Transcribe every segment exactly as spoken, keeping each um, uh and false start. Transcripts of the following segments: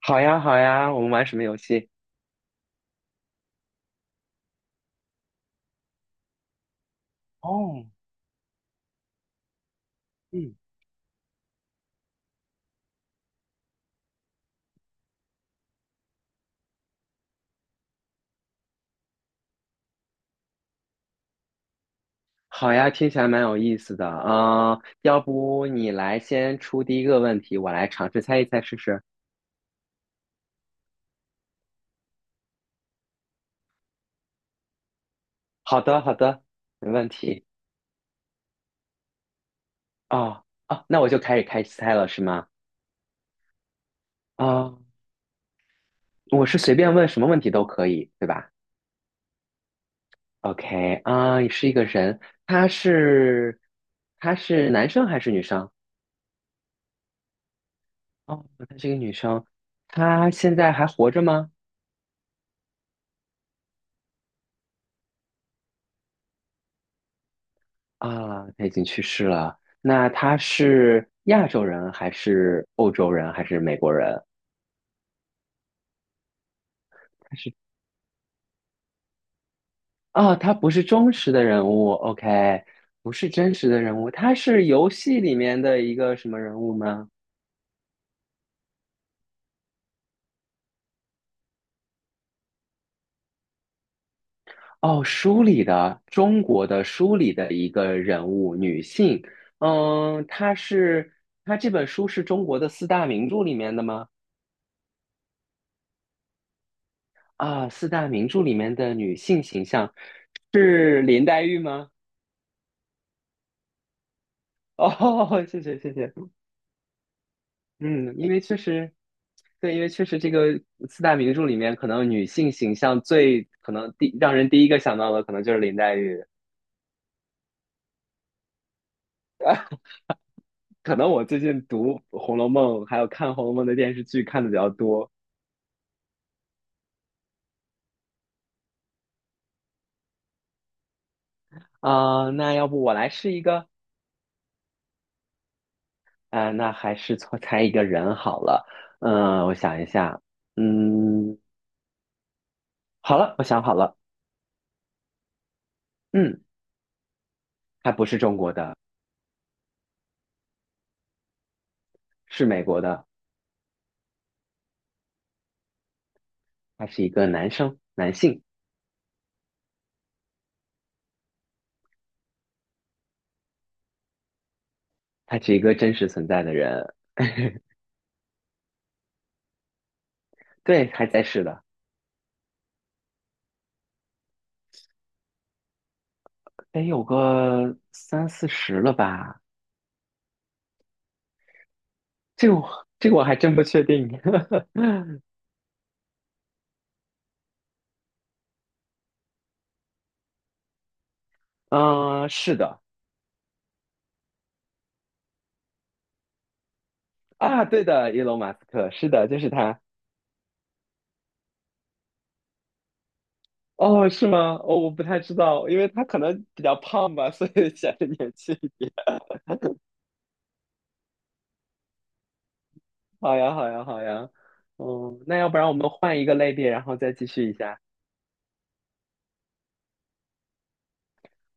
好呀，好呀，我们玩什么游戏？哦，嗯，好呀，听起来蛮有意思的啊，呃要不你来先出第一个问题，我来尝试猜一猜试试。好的，好的，没问题。哦，哦，那我就开始开始猜了，是吗？啊，我是随便问什么问题都可以，对吧？OK，啊，你是一个人，他是他是男生还是女生？哦，他是一个女生，她现在还活着吗？啊，他已经去世了。那他是亚洲人还是欧洲人还是美国人？他是啊，他不是忠实的人物，OK，不是真实的人物，他是游戏里面的一个什么人物吗？哦，书里的中国的书里的一个人物，女性。嗯，她是她这本书是中国的四大名著里面的吗？啊，四大名著里面的女性形象是林黛玉吗？哦，谢谢谢谢。嗯，因为确实，对，因为确实这个四大名著里面，可能女性形象最可能第让人第一个想到的，可能就是林黛玉。可能我最近读《红楼梦》，还有看《红楼梦》的电视剧看的比较多。啊、那要不我来试一个。啊、那还是错猜一个人好了。嗯、我想一下，嗯，好了，我想好了。嗯，他不是中国的，是美国的，他是一个男生，男性，他是一个真实存在的人。对，还在世的，得有个三四十了吧？这个我这个我还真不确定。嗯是的。啊，对的，伊隆马斯克，是的，就是他。哦，是吗？哦，我不太知道，因为他可能比较胖吧，所以显得年轻一点。好呀，好呀，好呀。嗯，那要不然我们换一个类别，然后再继续一下。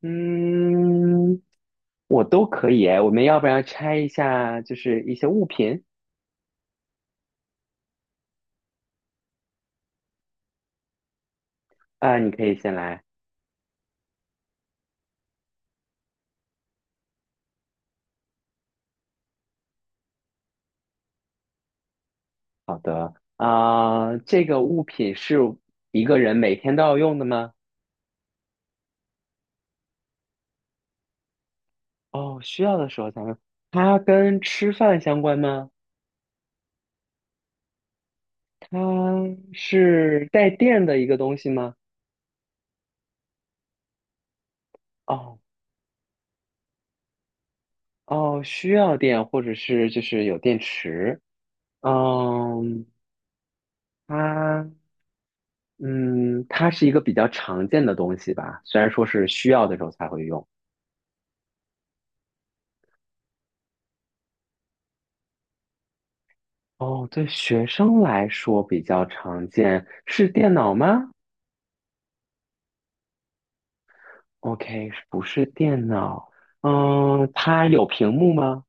嗯，我都可以诶。我们要不然拆一下，就是一些物品。啊，你可以先来。好的，啊、这个物品是一个人每天都要用的吗？哦，需要的时候才用。它跟吃饭相关吗？它是带电的一个东西吗？哦，哦，需要电，或者是就是有电池。嗯，它嗯，它是一个比较常见的东西吧，虽然说是需要的时候才会用。哦，对学生来说比较常见，是电脑吗？OK，不是电脑。嗯，它有屏幕吗？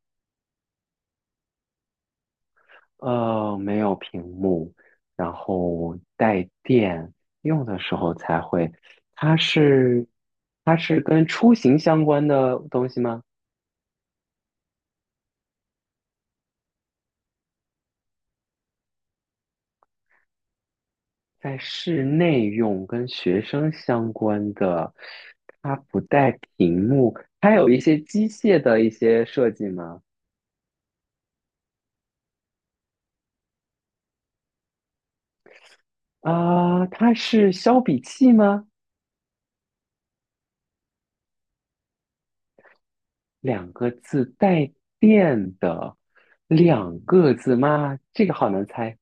呃，没有屏幕，然后带电，用的时候才会。它是，它是跟出行相关的东西吗？在室内用，跟学生相关的，它不带屏幕，它有一些机械的一些设计吗？啊、它是削笔器吗？两个字带电的，两个字吗？这个好难猜，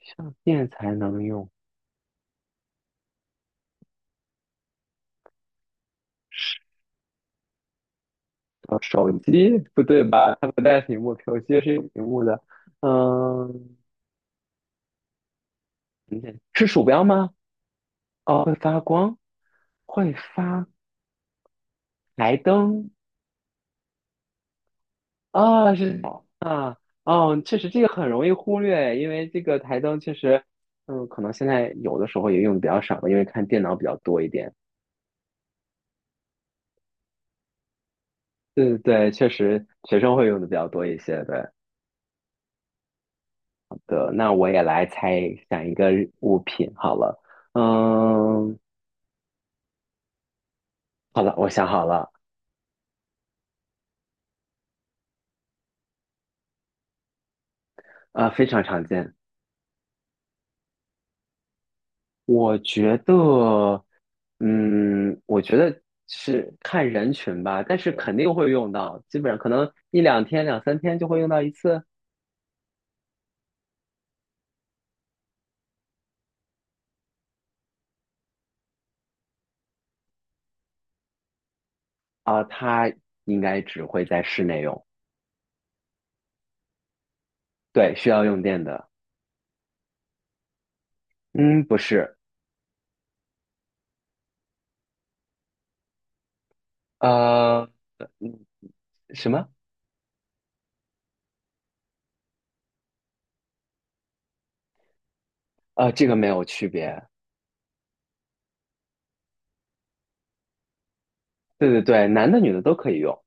上电才能用。呃，手机不对吧？它不带屏幕，手机是有屏幕的。嗯，等等是鼠标吗？哦，会发光，会发台灯。啊，是。啊，哦，确实这个很容易忽略，因为这个台灯确实，嗯，可能现在有的时候也用的比较少吧，因为看电脑比较多一点。对对对，确实学生会用的比较多一些。对。对，那我也来猜想一个日物品好了。嗯，好了，我想好了。呃，非常常见。我觉得，嗯，我觉得是看人群吧，但是肯定会用到，基本上可能一两天、两三天就会用到一次。啊。它应该只会在室内用。对，需要用电的。嗯，不是。呃，嗯什么？呃，这个没有区别。对对对，男的女的都可以用。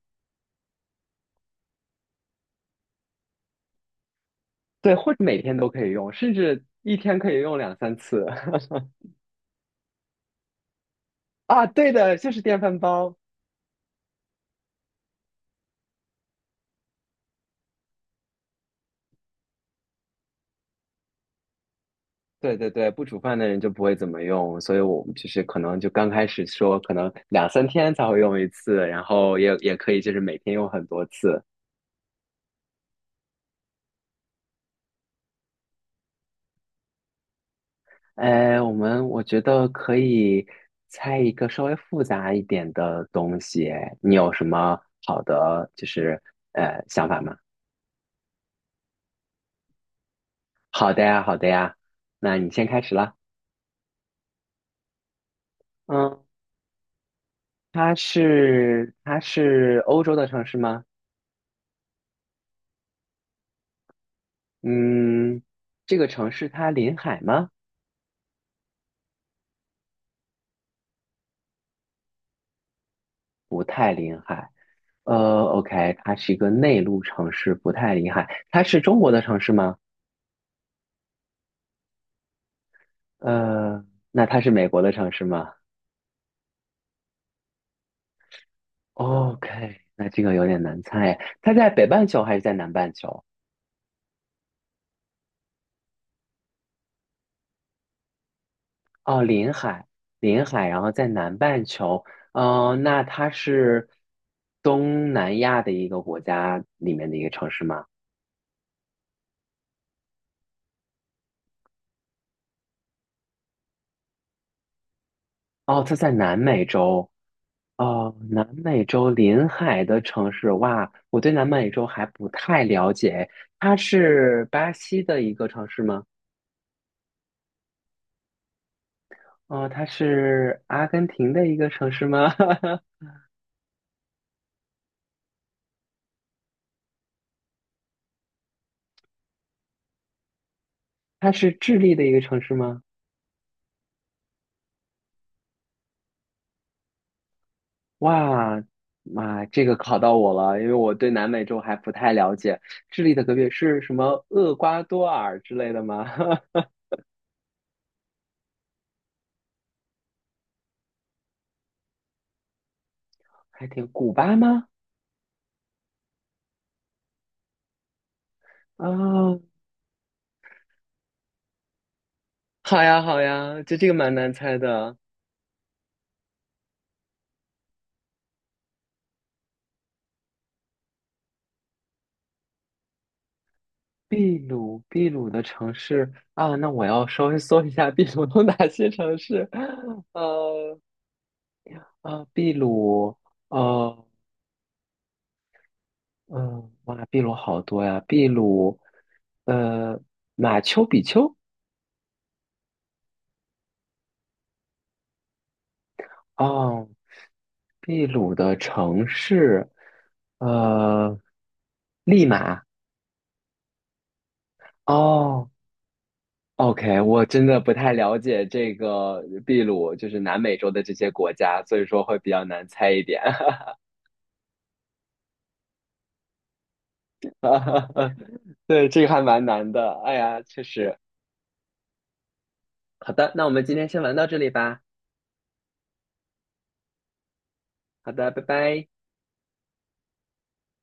对，或者每天都可以用，甚至一天可以用两三次。啊，对的，就是电饭煲。对对对，不煮饭的人就不会怎么用，所以我们就是可能就刚开始说，可能两三天才会用一次，然后也也可以就是每天用很多次。哎，我们我觉得可以猜一个稍微复杂一点的东西，你有什么好的就是呃想法吗？好的呀，好的呀，那你先开始啦。嗯，它是它是欧洲的城市吗？嗯，这个城市它临海吗？不太临海。呃，OK，它是一个内陆城市，不太临海。它是中国的城市吗？呃，那它是美国的城市吗？OK，那这个有点难猜。它在北半球还是在南半球？哦，临海，临海，然后在南半球。哦，那它是东南亚的一个国家里面的一个城市吗？哦，它在南美洲。哦，南美洲临海的城市，哇，我对南美洲还不太了解。它是巴西的一个城市吗？哦，它是阿根廷的一个城市吗？它是智利的一个城市吗？哇，妈，这个考到我了，因为我对南美洲还不太了解。智利的隔壁是什么？厄瓜多尔之类的吗？还挺，古巴吗？啊，好呀，好呀，就这个蛮难猜的。秘鲁，秘鲁的城市啊，那我要稍微搜一下秘鲁有哪些城市。呃啊，秘鲁，呃嗯，哇，秘鲁好多呀，秘鲁，呃，马丘比丘，哦，秘鲁的城市，呃，利马，哦，OK，我真的不太了解这个秘鲁，就是南美洲的这些国家，所以说会比较难猜一点。对，这个还蛮难的。哎呀，确实。好的，那我们今天先玩到这里吧。好的，拜拜。